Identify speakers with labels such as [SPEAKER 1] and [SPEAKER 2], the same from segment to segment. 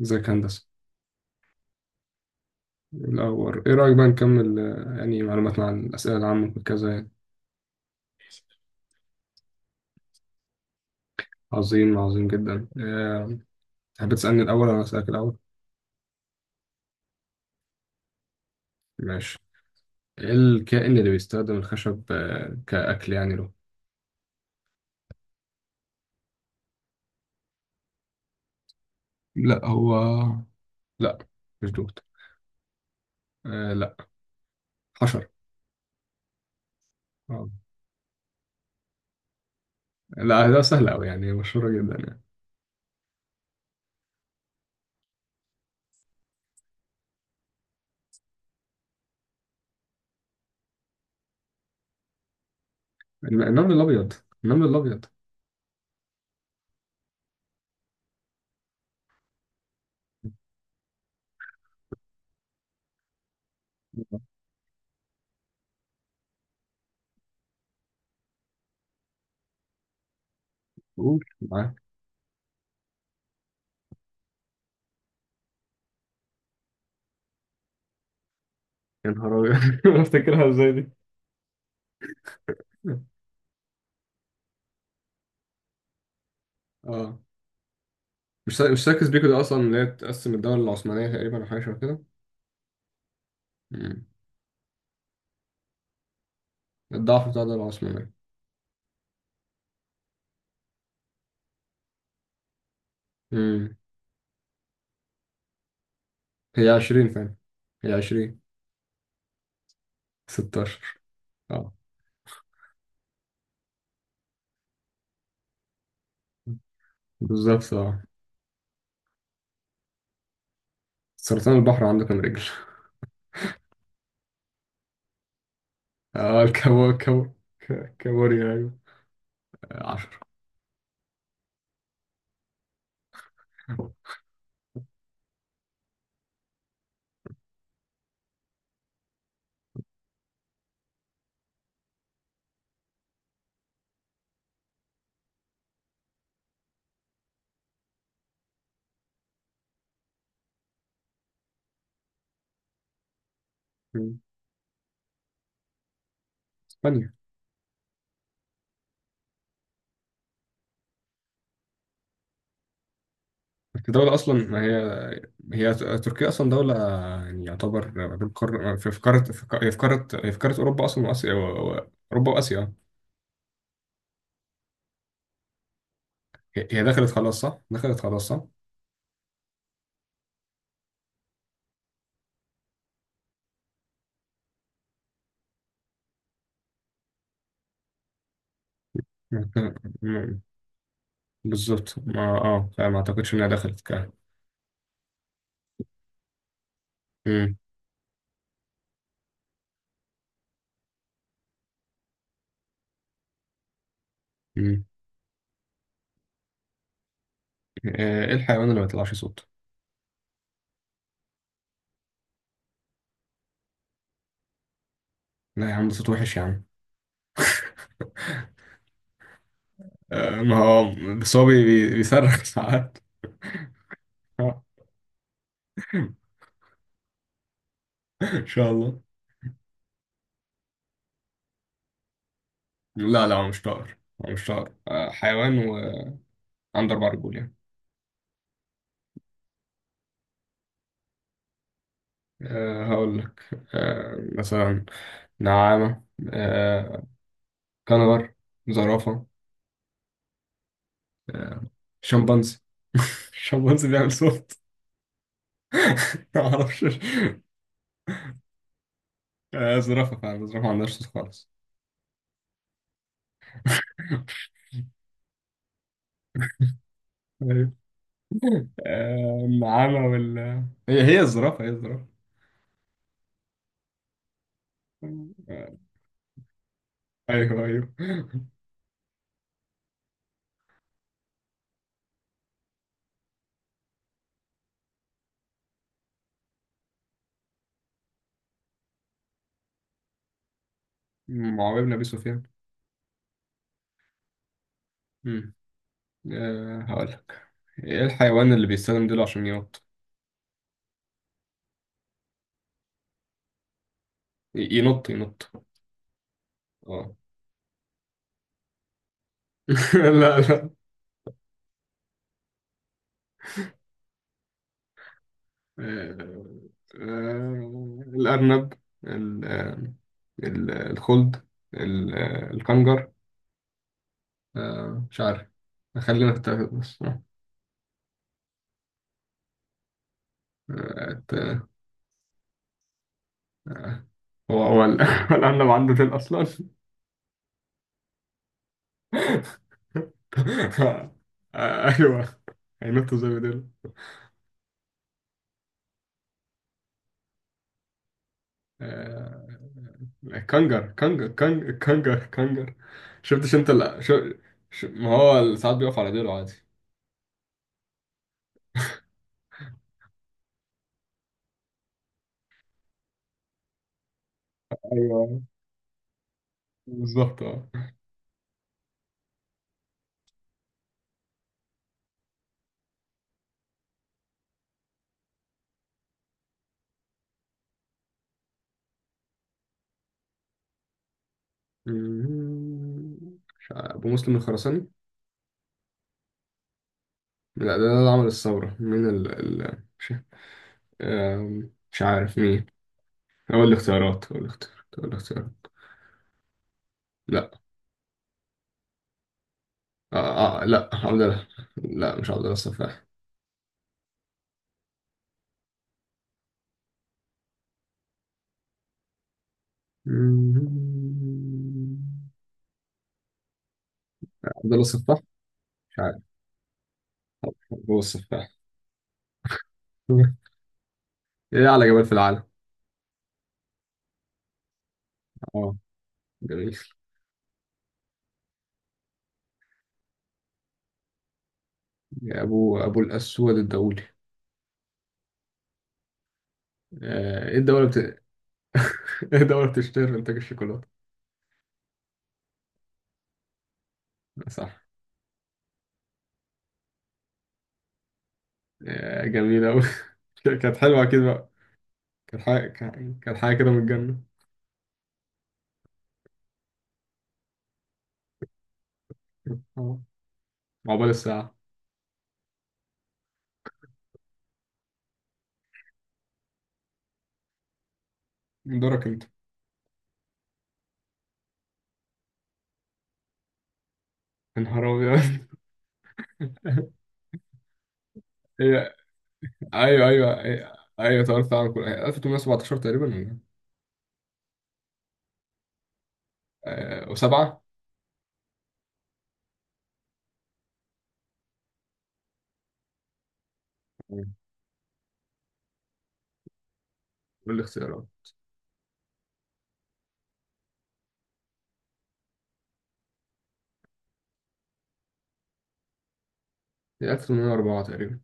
[SPEAKER 1] ازيك يا هندسة. الأول، إيه رأيك بقى نكمل يعني معلوماتنا عن الأسئلة العامة وكذا يعني. عظيم، عظيم جدا. تحب تسألني الأول ولا أسألك الأول؟ ماشي. إيه الكائن اللي بيستخدم الخشب كأكل يعني له؟ لا، هو. لا مش دوت. آه، لا. حشر. آه. لا، ده سهل أوي يعني، مشهورة جدا يعني. النمل الأبيض، النمل الأبيض. قول معاك. يا نهار أبيض. بفتكرها إزاي دي؟ آه مش ساكس بيكو ده أصلا، اللي هي تقسم الدولة العثمانية تقريبا أو حاجة شبه كده. مم. الضعف بتاع الدولة العثمانية. مم. هي 20 فعلا، هي 20، 16. اه، بالظبط، اه. سرطان البحر عنده كام رجل؟ اه، كابوريا، ايوه. 10. اسبانيا. الدولة اصلا ما هي، هي تركيا اصلا دولة يعني يعتبر. في قارة، هي في قارة اوروبا اصلا، واسيا، اوروبا واسيا. هي دخلت خلاص صح؟ دخلت خلاص صح؟ مم. بالظبط. ما اه فما اعتقدش انها دخلت كده. مم. ايه الحيوان اللي ما بيطلعش صوت؟ لا يا عم، ده صوت وحش يا عم. ما هو بس هو بيصرخ ساعات. ان شاء الله. لا، لا هو مش طائر. هو مش طائر. حيوان، وعنده اربع رجول يعني. هقول لك. أه، مثلا نعامة، أه كنغر، زرافة، أه شمبانزي. الشمبانزي بيعمل صوت. ما اعرفش. زرافة فعلا، الزرافة ما عندهاش صوت خالص. النعامة وال هي، هي الزرافة، هي الزرافة. آه، أيوه، أيوه. معاوية بن أبي سفيان. مم. هقول لك. إيه الحيوان اللي بيستخدم ديله عشان ينط؟ ينط. أه. لا، لا. آه، الأرنب، ال- آه، الخلد، الكنجر. مش عارف. خلينا في التلاتة بس. آه، آه، هو الأرنب عنده ديل أصلا؟ ايوه، هينطوا زي ما دول. آه، كانجر. شفتش انت، لا. ما هو ساعات بيقف على ديله عادي. ايوه، بالظبط، اه. مش عارف، ابو مسلم الخراساني. لا، ده اللي عمل الثوره. مين ال ال مش. مش عارف مين. هو الاختيارات، هو الاختيارات، هو الاختيارات. لا، آه لا، عبد الله. لا، مش عبد الله السفاح. عبد الله السفاح، مش عارف. هو السفاح. ايه اعلى جبل في العالم؟ اه، جميل. ابو الاسود الدولي. ايه الدوله ايه الدوله بتشتهر بانتاج الشوكولاته؟ صح. جميل اوي. كانت حلوه اكيد بقى. كانت حاجه كده من الجنه. اه، عقبال الساعه. دورك انت. انهار ابيض. هي، ايوه ايوه ايوه. ايوه، تعرف عن كل 1817 تقريبا، ولا إيه؟ وسبعه. قول لي اختيارات. هي 1804 تقريبا.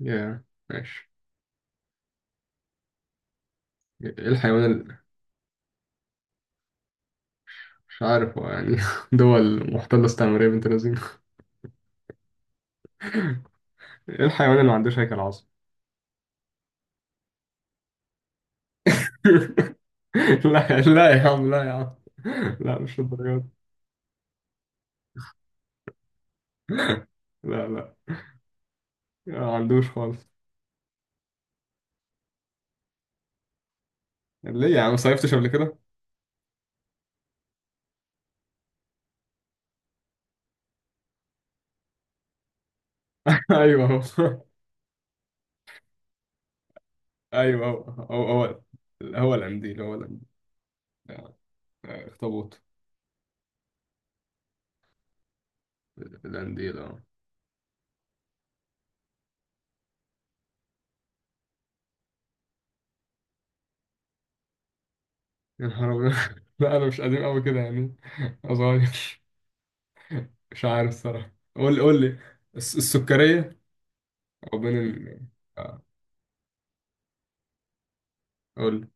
[SPEAKER 1] يا، ماشي. ايه الحيوان اللي. مش عارف هو يعني. دول محتلة استعمارية بنت لذينة. ايه الحيوان اللي ما عندوش هيكل عظمي؟ لا، لا يا عم، لا يا عم. لا، مش الدرجات. لا، لا. ما عندوش خالص. ليه يا عم صيفتش قبل كده؟ ايوه هو. ايوه، هو. هو القنديل، هو القنديل. آه، اخطبوط. القنديل، اه. يا نهار أبيض. لا، انا مش قديم قوي كده يعني. أنا صغير. مش عارف الصراحه، قول لي قول لي. السكريه. وبين آه، قول.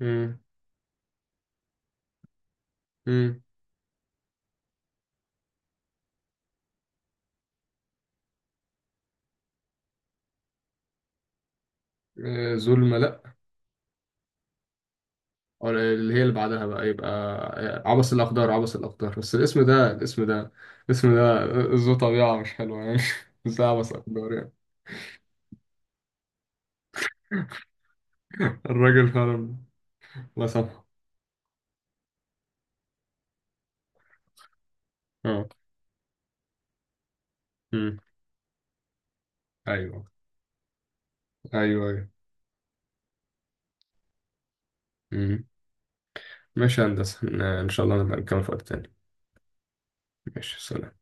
[SPEAKER 1] مم. مم. ظلمة، لأ. أو اللي هي اللي بعدها بقى، يبقى عبس الأقدار، عبس الأقدار. بس الاسم ده، الاسم ده، الاسم ده ذو طبيعة مش حلوة يعني. بس عبس أقدار يعني. الراجل فعلا. الله يسامحه. اه. مم. أيوه، أيوه، أيوه. مم. ماشي يا هندسة، إن شاء الله نبقى نكمل في وقت تاني. ماشي، سلام.